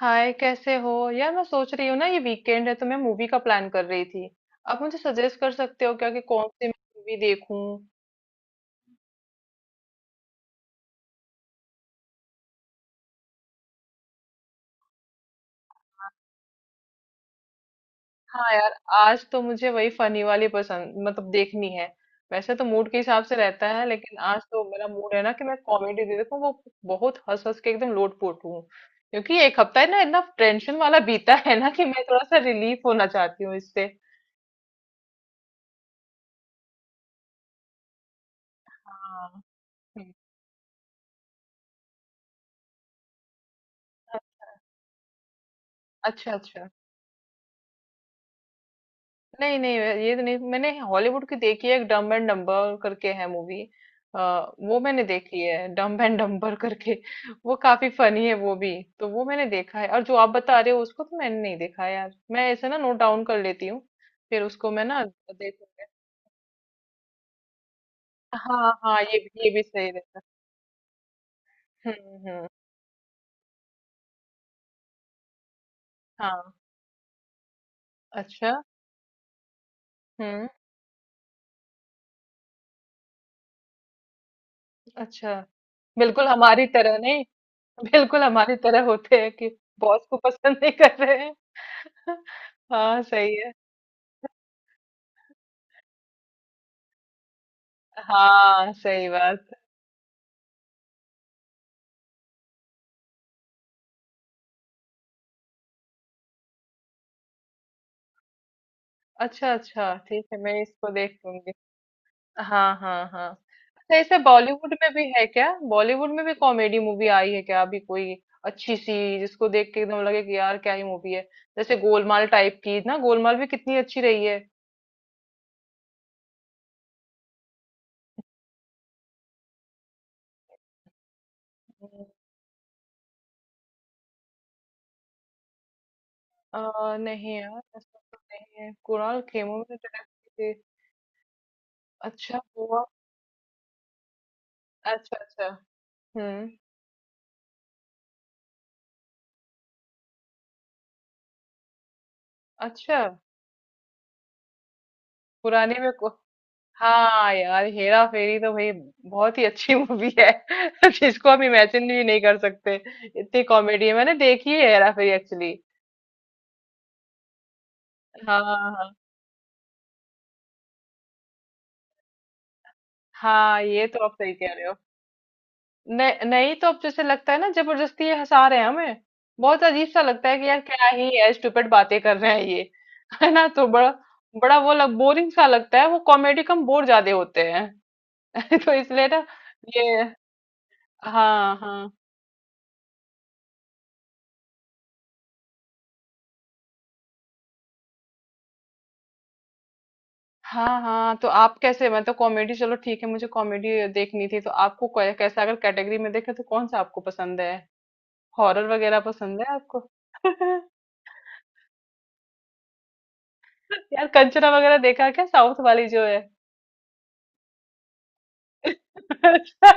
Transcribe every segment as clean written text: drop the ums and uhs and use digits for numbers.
हाय कैसे हो यार। मैं सोच रही हूँ ना, ये वीकेंड है तो मैं मूवी का प्लान कर रही थी। आप मुझे सजेस्ट कर सकते हो क्या कि कौन सी मूवी देखूं? हाँ यार, आज तो मुझे वही फनी वाली पसंद, मतलब देखनी है। वैसे तो मूड के हिसाब से रहता है, लेकिन आज तो मेरा मूड है ना कि मैं कॉमेडी दे देखूं वो। बहुत हंस हंस के एकदम लोटपोट हूँ। क्योंकि एक हफ्ता है ना, इतना टेंशन वाला बीता है ना, कि मैं थोड़ा सा रिलीफ होना चाहती हूँ इससे। हाँ। हम्म। अच्छा अच्छा। नहीं नहीं, ये तो नहीं, मैंने हॉलीवुड की देखी है एक, डम्ब एंड डम्बर करके है मूवी। वो मैंने देखी है, डम्ब एंड डम्बर करके। वो काफी फनी है वो भी। तो वो मैंने देखा है, और जो आप बता रहे हो उसको तो मैंने नहीं देखा यार। मैं ऐसे ना नोट डाउन कर लेती हूँ, फिर उसको मैं ना देखूंगी। हाँ हाँ, ये भी सही रहता है। हम्म। हाँ। अच्छा। हम्म। अच्छा। बिल्कुल हमारी तरह नहीं। बिल्कुल हमारी तरह होते हैं कि बॉस को पसंद नहीं कर रहे हैं। हाँ सही है। हाँ सही बात। अच्छा अच्छा, ठीक है, मैं इसको देख लूंगी। हाँ हाँ हाँ। अच्छा, ऐसे बॉलीवुड में भी है क्या? बॉलीवुड में भी कॉमेडी मूवी आई है क्या अभी कोई अच्छी सी, जिसको देख के एकदम लगे कि यार क्या ही मूवी है? जैसे गोलमाल टाइप की ना, गोलमाल भी कितनी अच्छी रही है। हम्म। नहीं यार, ऐसा तो नहीं है कुणाल खेमू ने डायरेक्ट की थी। अच्छा हुआ। अच्छा अच्छा। हम्म। अच्छा। पुराने में को- हाँ यार, हेरा फेरी तो भाई बहुत ही अच्छी मूवी है। जिसको हम इमेजिन भी नहीं कर सकते, इतनी कॉमेडी है। मैंने देखी है हेरा फेरी एक्चुअली। हाँ हाँ। हाँ ये तो आप सही कह रहे हो। नहीं नहीं तो, अब जैसे लगता है ना जबरदस्ती ये हंसा रहे हैं हमें। बहुत अजीब सा लगता है कि यार क्या ही है, स्टूपिड बातें कर रहे हैं ये। है ना, तो बड़ा बड़ा वो लग बोरिंग सा लगता है। वो कॉमेडी कम बोर ज्यादा होते हैं। तो इसलिए ना ये। हाँ हाँ हाँ हाँ, तो आप कैसे? मैं तो कॉमेडी, चलो ठीक है, मुझे कॉमेडी देखनी थी, तो आपको कैसा, अगर कैटेगरी में देखें तो कौन सा आपको पसंद है? हॉरर वगैरह पसंद है आपको? यार कंचना वगैरह देखा क्या, साउथ वाली जो है? अच्छा।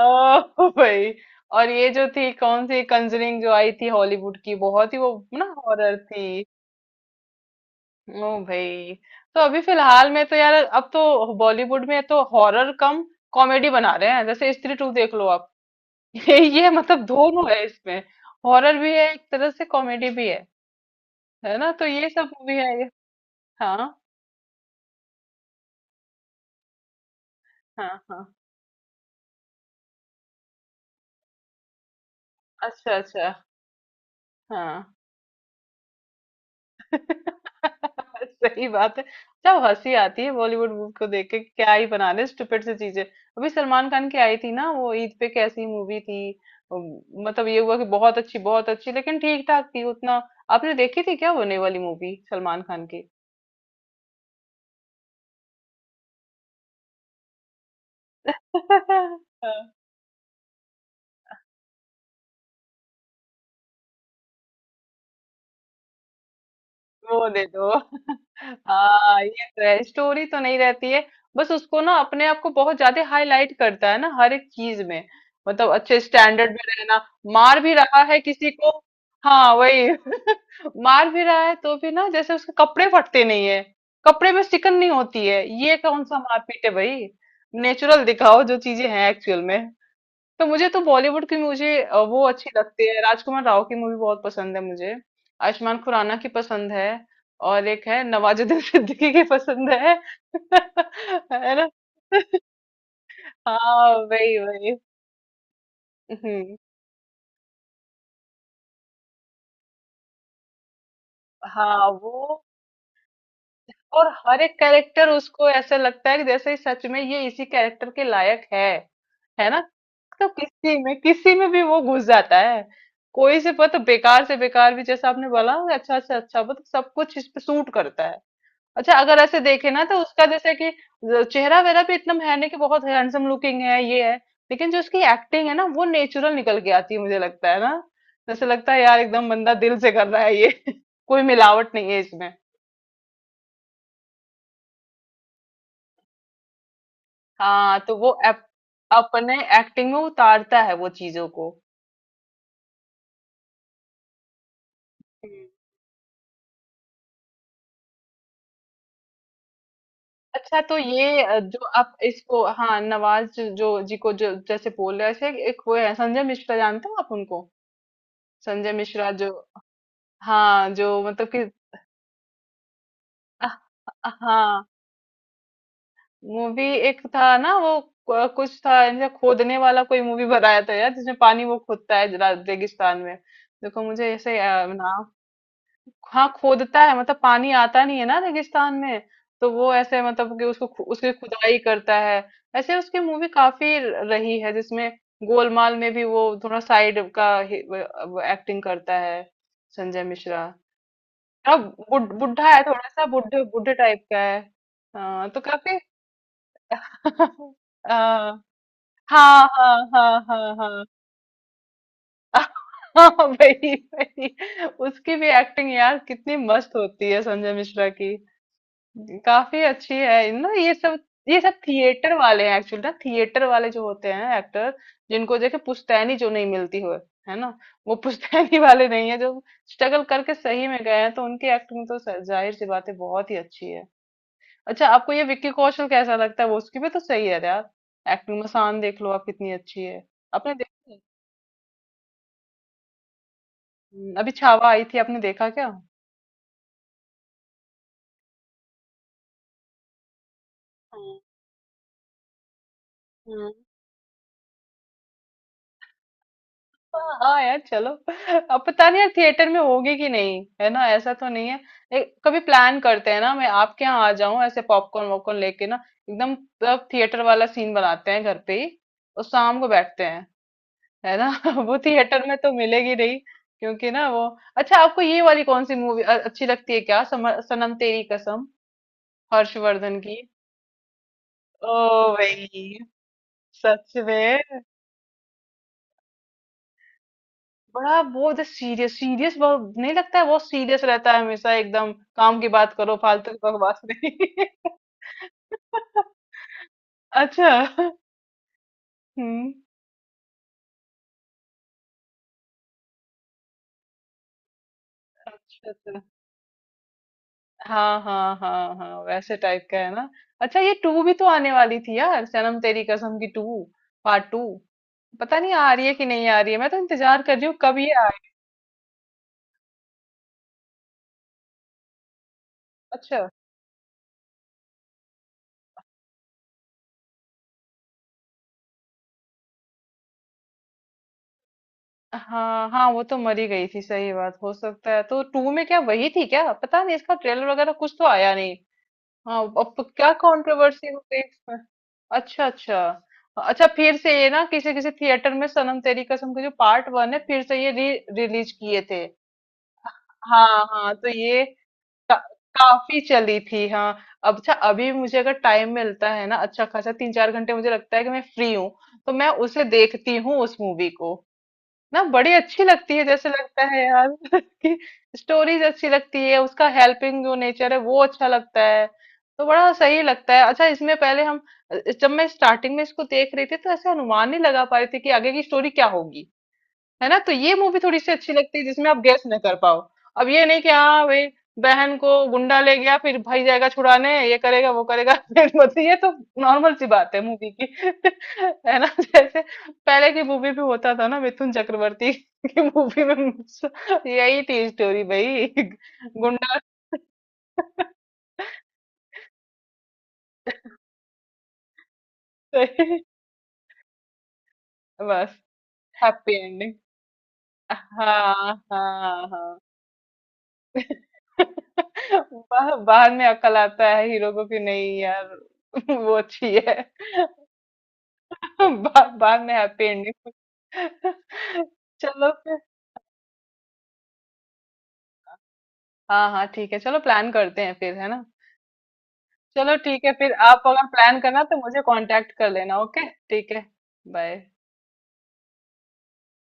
ओ भाई। और ये जो थी कौन सी कंजरिंग जो आई थी हॉलीवुड की, बहुत ही वो ना हॉरर थी। ओ भाई। तो अभी फिलहाल में तो यार, अब तो बॉलीवुड में तो हॉरर कम कॉमेडी बना रहे हैं। जैसे स्त्री टू देख लो आप। ये मतलब दोनों है इसमें, हॉरर भी है एक तरह से, कॉमेडी भी है। है ना, तो ये सब मूवी है ये। हाँ हाँ हाँ। अच्छा अच्छा। हाँ। सही बात है। जब हंसी आती है बॉलीवुड मूवी को देख के कि क्या ही बना ले स्टूपिड सी चीजें। अभी सलमान खान की आई थी ना, वो ईद पे कैसी मूवी थी। अम, मतलब, ये हुआ कि बहुत अच्छी बहुत अच्छी, लेकिन ठीक ठाक थी उतना। आपने देखी थी क्या होने वाली मूवी, सलमान खान की? वो दे दो। हाँ ये तो है, स्टोरी तो नहीं रहती है, बस उसको ना अपने आप को बहुत ज्यादा हाईलाइट करता है ना हर एक चीज में। मतलब अच्छे स्टैंडर्ड में रहना। मार भी रहा है किसी को। हाँ वही। मार भी रहा है तो भी ना, जैसे उसके कपड़े फटते नहीं है, कपड़े में सिकन नहीं होती है। ये कौन सा मारपीट है भाई? नेचुरल दिखाओ जो चीजें हैं एक्चुअल में। तो मुझे तो बॉलीवुड की, मुझे वो अच्छी लगती है राजकुमार राव की मूवी, बहुत पसंद है मुझे। आयुष्मान खुराना की पसंद है। और एक है नवाजुद्दीन सिद्दीकी की पसंद है। है ना। हाँ वही वही। हम्म। हाँ वो। और हर एक कैरेक्टर उसको ऐसे लगता है कि जैसे सच में ये इसी कैरेक्टर के लायक है। है ना, तो किसी में भी वो घुस जाता है। कोई से पता बेकार से बेकार भी, जैसे आपने बोला, अच्छा से अच्छा मतलब सब कुछ इस पे सूट करता है। अच्छा, अगर ऐसे देखे ना तो उसका, जैसे कि चेहरा वेरा भी इतना है नहीं कि बहुत हैंडसम लुकिंग है ये है। लेकिन जो उसकी एक्टिंग है ना, वो नेचुरल निकल के आती है मुझे लगता है ना। जैसे लगता है यार एकदम बंदा दिल से कर रहा है ये। कोई मिलावट नहीं है इसमें। हाँ तो वो अपने एक्टिंग में उतारता है वो चीजों को। हम्म, अच्छा तो ये जो आप इसको, हाँ नवाज जो जो- जी को जो जैसे बोल रहे थे, एक वो है संजय मिश्रा। जानते हो आप उनको? संजय मिश्रा जो। हाँ जो मतलब कि अह, हाँ मूवी एक था ना वो, कुछ था ऐसे खोदने वाला कोई मूवी बनाया था यार, जिसमें पानी वो खोदता है रेगिस्तान में। देखो मुझे ऐसे नाम, हाँ खोदता है मतलब पानी आता नहीं है ना रेगिस्तान में। तो वो ऐसे मतलब कि उसको उसकी खुदाई करता है। ऐसे उसकी मूवी काफी रही है जिसमें। गोलमाल में भी वो थोड़ा साइड का एक्टिंग करता है। संजय मिश्रा। अब बुढ़ा है थोड़ा सा, बुढ़े बुढ़े टाइप का है। हाँ तो काफी। हाँ हाँ हाँ हाँ हाँ हाँ। वही वही। उसकी भी एक्टिंग यार कितनी मस्त होती है संजय मिश्रा की। काफी अच्छी है ना ये सब। ये सब थिएटर वाले हैं एक्चुअली ना। थिएटर वाले जो होते हैं एक्टर, जिनको देखे पुश्तैनी जो नहीं मिलती हो, है ना। वो पुश्तैनी वाले नहीं है जो स्ट्रगल करके सही में गए हैं। तो उनकी एक्टिंग तो जाहिर सी बात है बहुत ही अच्छी है। अच्छा आपको ये विक्की कौशल कैसा लगता है? वो उसकी भी तो सही है यार। एक्टिंग में शान देख लो आप, कितनी अच्छी है। आपने देखा है? अभी छावा आई थी, आपने देखा क्या? हाँ हाँ यार चलो। अब पता नहीं यार थिएटर में होगी कि नहीं, है ना? ऐसा तो नहीं है। कभी प्लान करते हैं ना, मैं आपके यहाँ आ जाऊं ऐसे पॉपकॉर्न वॉपकॉर्न लेके ना, एकदम तब थिएटर वाला सीन बनाते हैं घर पे ही, और शाम को बैठते हैं, है ना। वो थिएटर में तो मिलेगी नहीं, क्योंकि ना वो। अच्छा आपको ये वाली कौन सी मूवी अच्छी लगती है क्या, सनम तेरी कसम, हर्षवर्धन की? ओ भाई। सच में। बड़ा वो जो सीरियस सीरियस बहुत नहीं लगता है, बहुत सीरियस रहता है हमेशा एकदम। काम की बात करो, फालतू की बकवास नहीं। अच्छा। हम्म। अच्छा अच्छा। हाँ हाँ हाँ हाँ, वैसे टाइप का है ना। अच्छा ये टू भी तो आने वाली थी यार, सनम तेरी कसम की टू, पार्ट टू। पता नहीं आ रही है कि नहीं आ रही है, मैं तो इंतजार कर रही हूँ कब ये आए। अच्छा। हाँ हाँ वो तो मरी गई थी, सही बात। हो सकता है तो टू में क्या वही थी, क्या पता नहीं, इसका ट्रेलर वगैरह कुछ तो आया नहीं। हाँ, अब तो क्या कंट्रोवर्सी हो गई इसमें। अच्छा अच्छा। अच्छा फिर से ये ना किसी किसी थिएटर में सनम तेरी कसम के जो पार्ट वन है, फिर से ये री रिलीज किए थे। हाँ हाँ तो ये का, काफी चली थी हाँ। अब अच्छा, अभी मुझे अगर टाइम मिलता है ना अच्छा खासा, तीन चार घंटे, मुझे लगता है कि मैं फ्री हूँ, तो मैं उसे देखती हूँ उस मूवी को ना, बड़ी अच्छी लगती है। जैसे लगता है यार कि स्टोरीज अच्छी लगती है, उसका हेल्पिंग जो नेचर है वो अच्छा लगता है, तो बड़ा सही लगता है। अच्छा इसमें पहले हम, जब मैं स्टार्टिंग में इसको देख रही थी तो ऐसे अनुमान नहीं लगा पा रही थी कि आगे की स्टोरी क्या होगी। है ना, तो ये मूवी थोड़ी सी अच्छी लगती है जिसमें आप गेस न कर पाओ। अब ये नहीं कि हाँ भाई बहन को गुंडा ले गया फिर भाई जाएगा छुड़ाने, ये करेगा वो करेगा, फिर मतलब ये तो नॉर्मल सी बात है मूवी की। है ना जैसे पहले की मूवी भी होता था ना, मिथुन चक्रवर्ती की मूवी में यही थी स्टोरी भाई। गुंडा। बस हैप्पी एंडिंग। हाँ हाँ हाँ। बाद में अकल आता है हीरो को कि नहीं यार। वो अच्छी है। बाद में हैप्पी एंडिंग। चलो फिर। हाँ हाँ ठीक है, चलो प्लान करते हैं फिर, है ना। चलो ठीक है फिर, आप अगर प्लान करना तो मुझे कांटेक्ट कर लेना, ओके? ठीक है। बाय।